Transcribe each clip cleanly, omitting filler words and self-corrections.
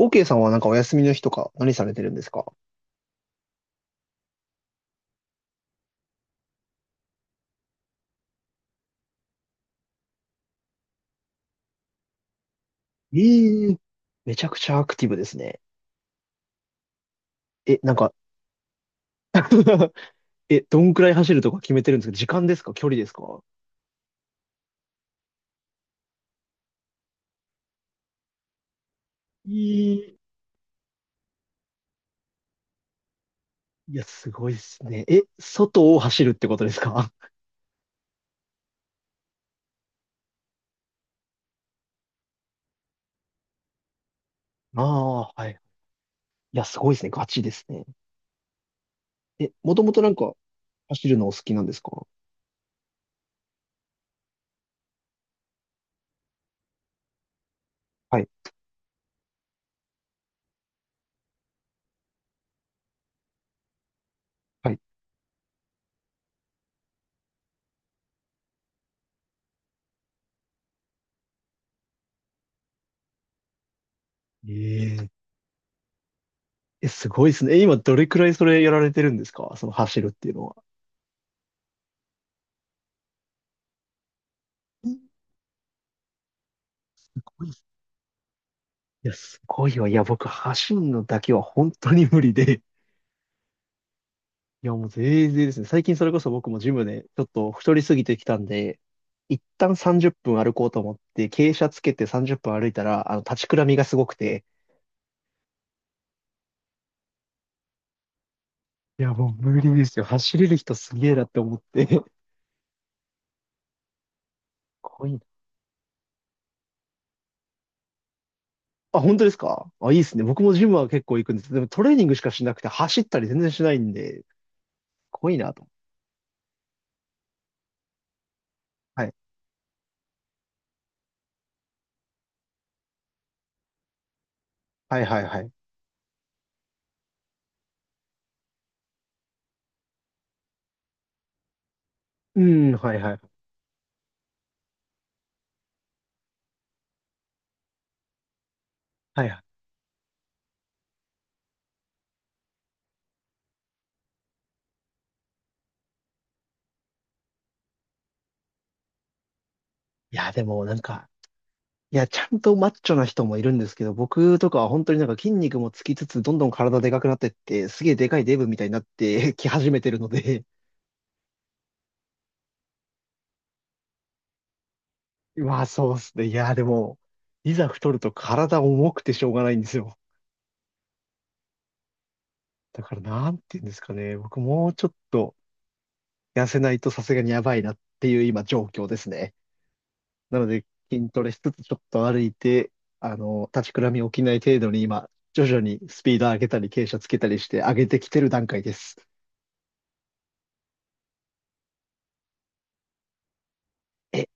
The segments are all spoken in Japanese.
OK さんはなんかお休みの日とか何されてるんですか？ええー、めちゃくちゃアクティブですね。え、なんか。 え、どんくらい走るとか決めてるんですか？時間ですか？距離ですか？いいや、すごいですね。え、外を走るってことですか？ ああ、はい。いや、すごいですね。ガチですね。え、もともとなんか走るのお好きなんですか？はい、はい。えええ、すごいですね。え、今どれくらいそれやられてるんですか？その走るっていうのは。え、すごいっすね。いや、すごいわ。いや、僕、走るのだけは本当に無理で。いや、もう全然ですね。最近それこそ僕もジムでちょっと太りすぎてきたんで、一旦30分歩こうと思って、傾斜つけて30分歩いたら、立ちくらみがすごくて。いや、もう無理ですよ。走れる人すげえなって思って。かっこいいな。あ、本当ですか？あ、いいですね。僕もジムは結構行くんです。でもトレーニングしかしなくて、走ったり全然しないんで、かっこいいなと。はい。はいはいはい。うん、はいはい。はいはい。いや、でもなんか、いや、ちゃんとマッチョな人もいるんですけど、僕とかは本当になんか筋肉もつきつつ、どんどん体でかくなってって、すげえでかいデブみたいになって き始めてるので、まあそうっすね。いや、でも、いざ太ると体重くてしょうがないんですよ。だからなんて言うんですかね。僕もうちょっと痩せないとさすがにやばいなっていう今状況ですね。なので筋トレしつつちょっと歩いて、立ちくらみ起きない程度に今、徐々にスピード上げたり傾斜つけたりして上げてきてる段階です。え、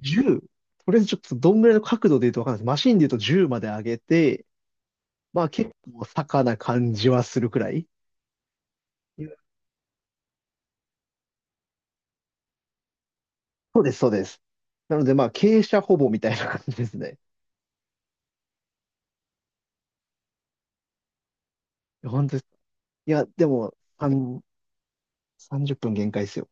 10、とりあえずちょっとどんぐらいの角度で言うとわかんないです。マシンで言うと10まで上げて、まあ結構坂な感じはするくらい。いや、そうです、そうです。なのでまあ傾斜ほぼみたいな感じですね。いや本当です。いや、でも、30分限界ですよ。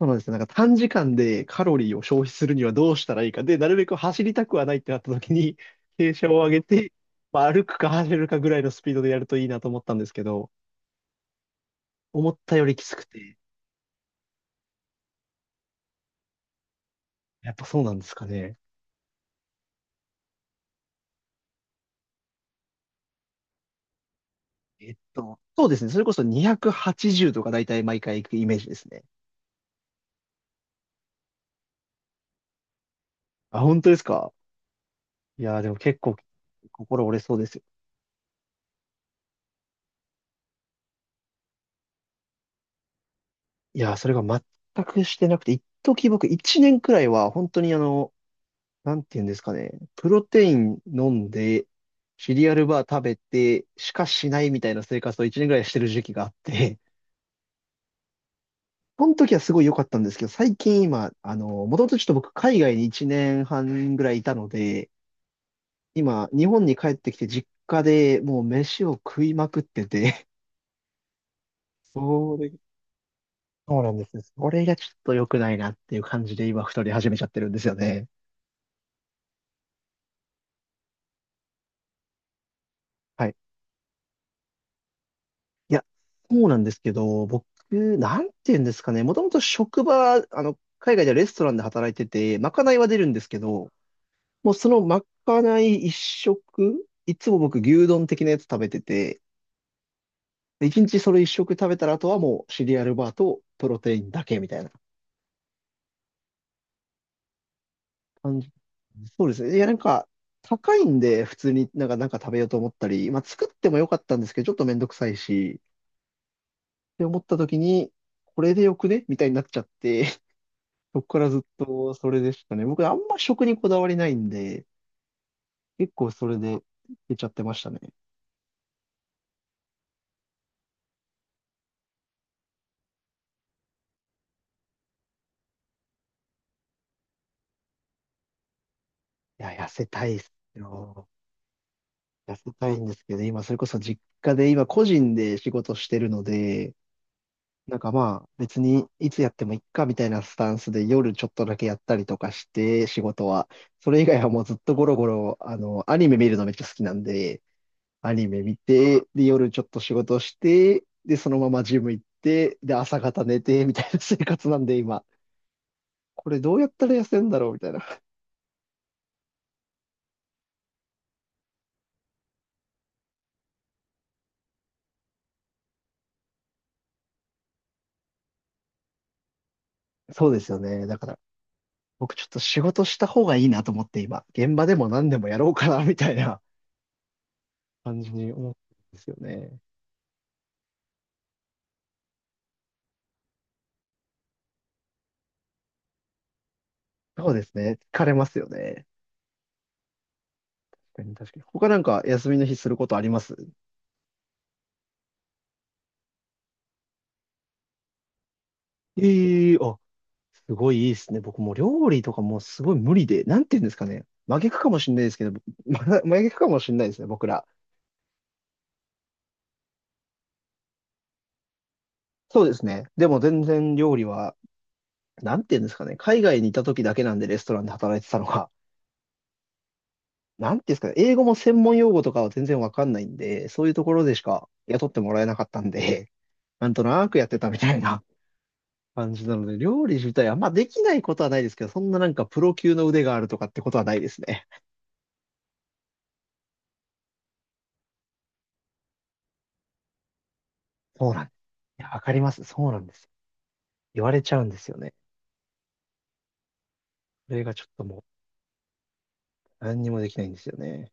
そうなんですよ。なんか短時間でカロリーを消費するにはどうしたらいいか。で、なるべく走りたくはないってなった時に、傾斜を上げて、まあ、歩くか走れるかぐらいのスピードでやるといいなと思ったんですけど、思ったよりきつくて、やっぱそうなんですかね。そうですね。それこそ280とか大体毎回行くイメージですね。あ、本当ですか？いやー、でも結構心折れそうですよ。いやー、それが全くしてなくて、一時僕1年くらいは本当になんて言うんですかね。プロテイン飲んで、シリアルバー食べて、しかしないみたいな生活を1年くらいしてる時期があって、その時はすごい良かったんですけど、最近今、もともとちょっと僕海外に1年半ぐらいいたので、今、日本に帰ってきて実家でもう飯を食いまくってて、それ、そうなんですよ。それがちょっと良くないなっていう感じで今太り始めちゃってるんですよね。はい。いや、そうなんですけど、僕、なんて言うんですかね。もともと職場、海外ではレストランで働いてて、まかないは出るんですけど、もうそのまかない一食、いつも僕牛丼的なやつ食べてて、で一日それ一食食べたらあとはもうシリアルバーとプロテインだけみたいな。感じ、そうですね。いや、なんか、高いんで、普通になんか食べようと思ったり、まあ、作ってもよかったんですけど、ちょっとめんどくさいし、って思った時に、これでよくねみたいになっちゃって、そこからずっとそれでしたね。僕、あんま食にこだわりないんで、結構それで出ちゃってましたね。いや、痩せたいっすよ。痩せたいんですけど、今、それこそ実家で、今、個人で仕事してるので、なんかまあ、別にいつやってもいっかみたいなスタンスで夜ちょっとだけやったりとかして、仕事は。それ以外はもうずっとゴロゴロ、アニメ見るのめっちゃ好きなんで、アニメ見て、で、夜ちょっと仕事して、で、そのままジム行って、で、朝方寝て、みたいな生活なんで今。これどうやったら痩せんだろうみたいな。そうですよね。だから、僕ちょっと仕事した方がいいなと思って今、現場でも何でもやろうかな、みたいな感じに思ってるんですよね。そうですね。疲れますよね。確かに、確かに。他なんか休みの日することあります？ええ、あ、すごいいいですね。僕もう料理とかもうすごい無理で、なんて言うんですかね。真逆かもしれないですけど、ま真逆かもしれないですね、僕ら。そうですね。でも全然料理は、なんて言うんですかね。海外にいた時だけなんでレストランで働いてたのが、なんて言うんですかね。英語も専門用語とかは全然わかんないんで、そういうところでしか雇ってもらえなかったんで、なんとなくやってたみたいな感じなので、料理自体は、まあできないことはないですけど、そんななんかプロ級の腕があるとかってことはないですね。そうなんです。いや、わかります。そうなんです。言われちゃうんですよね。それがちょっともう何にもできないんですよね。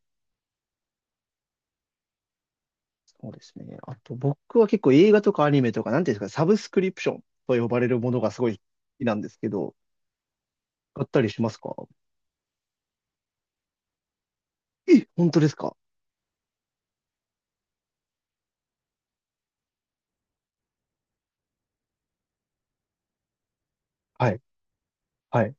そうですね。あと僕は結構映画とかアニメとか、なんていうんですか、サブスクリプションと呼ばれるものがすごい好きなんですけど、買ったりしますか？え、本当ですか？はい。はい。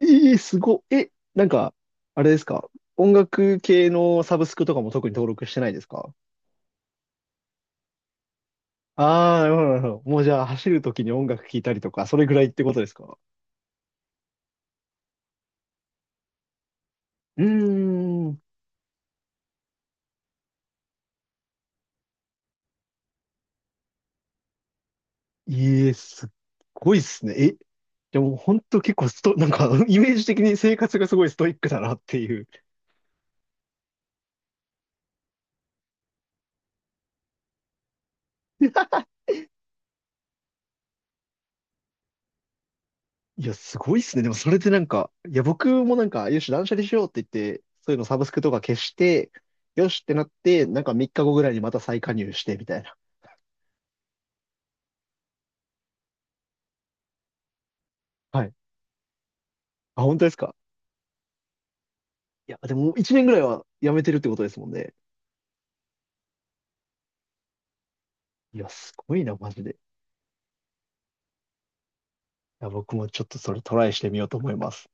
えー、すごい。え、なんか、あれですか？音楽系のサブスクとかも特に登録してないですか？ああ、なるほど、なるほど。もうじゃあ、走るときに音楽聴いたりとか、それぐらいってことですか？うーん。いえ、すっごいっすね。え、でも本当結構なんか、イメージ的に生活がすごいストイックだなっていう。いや、すごいっすね。でもそれでなんか、いや、僕もなんか、よし、断捨離しようって言って、そういうのサブスクとか消して、よしってなって、なんか3日後ぐらいにまた再加入して、みたいな。はい。あ、本当ですか？いや、でも1年ぐらいはやめてるってことですもんね。いや、すごいな、マジで。いや、僕もちょっとそれトライしてみようと思います。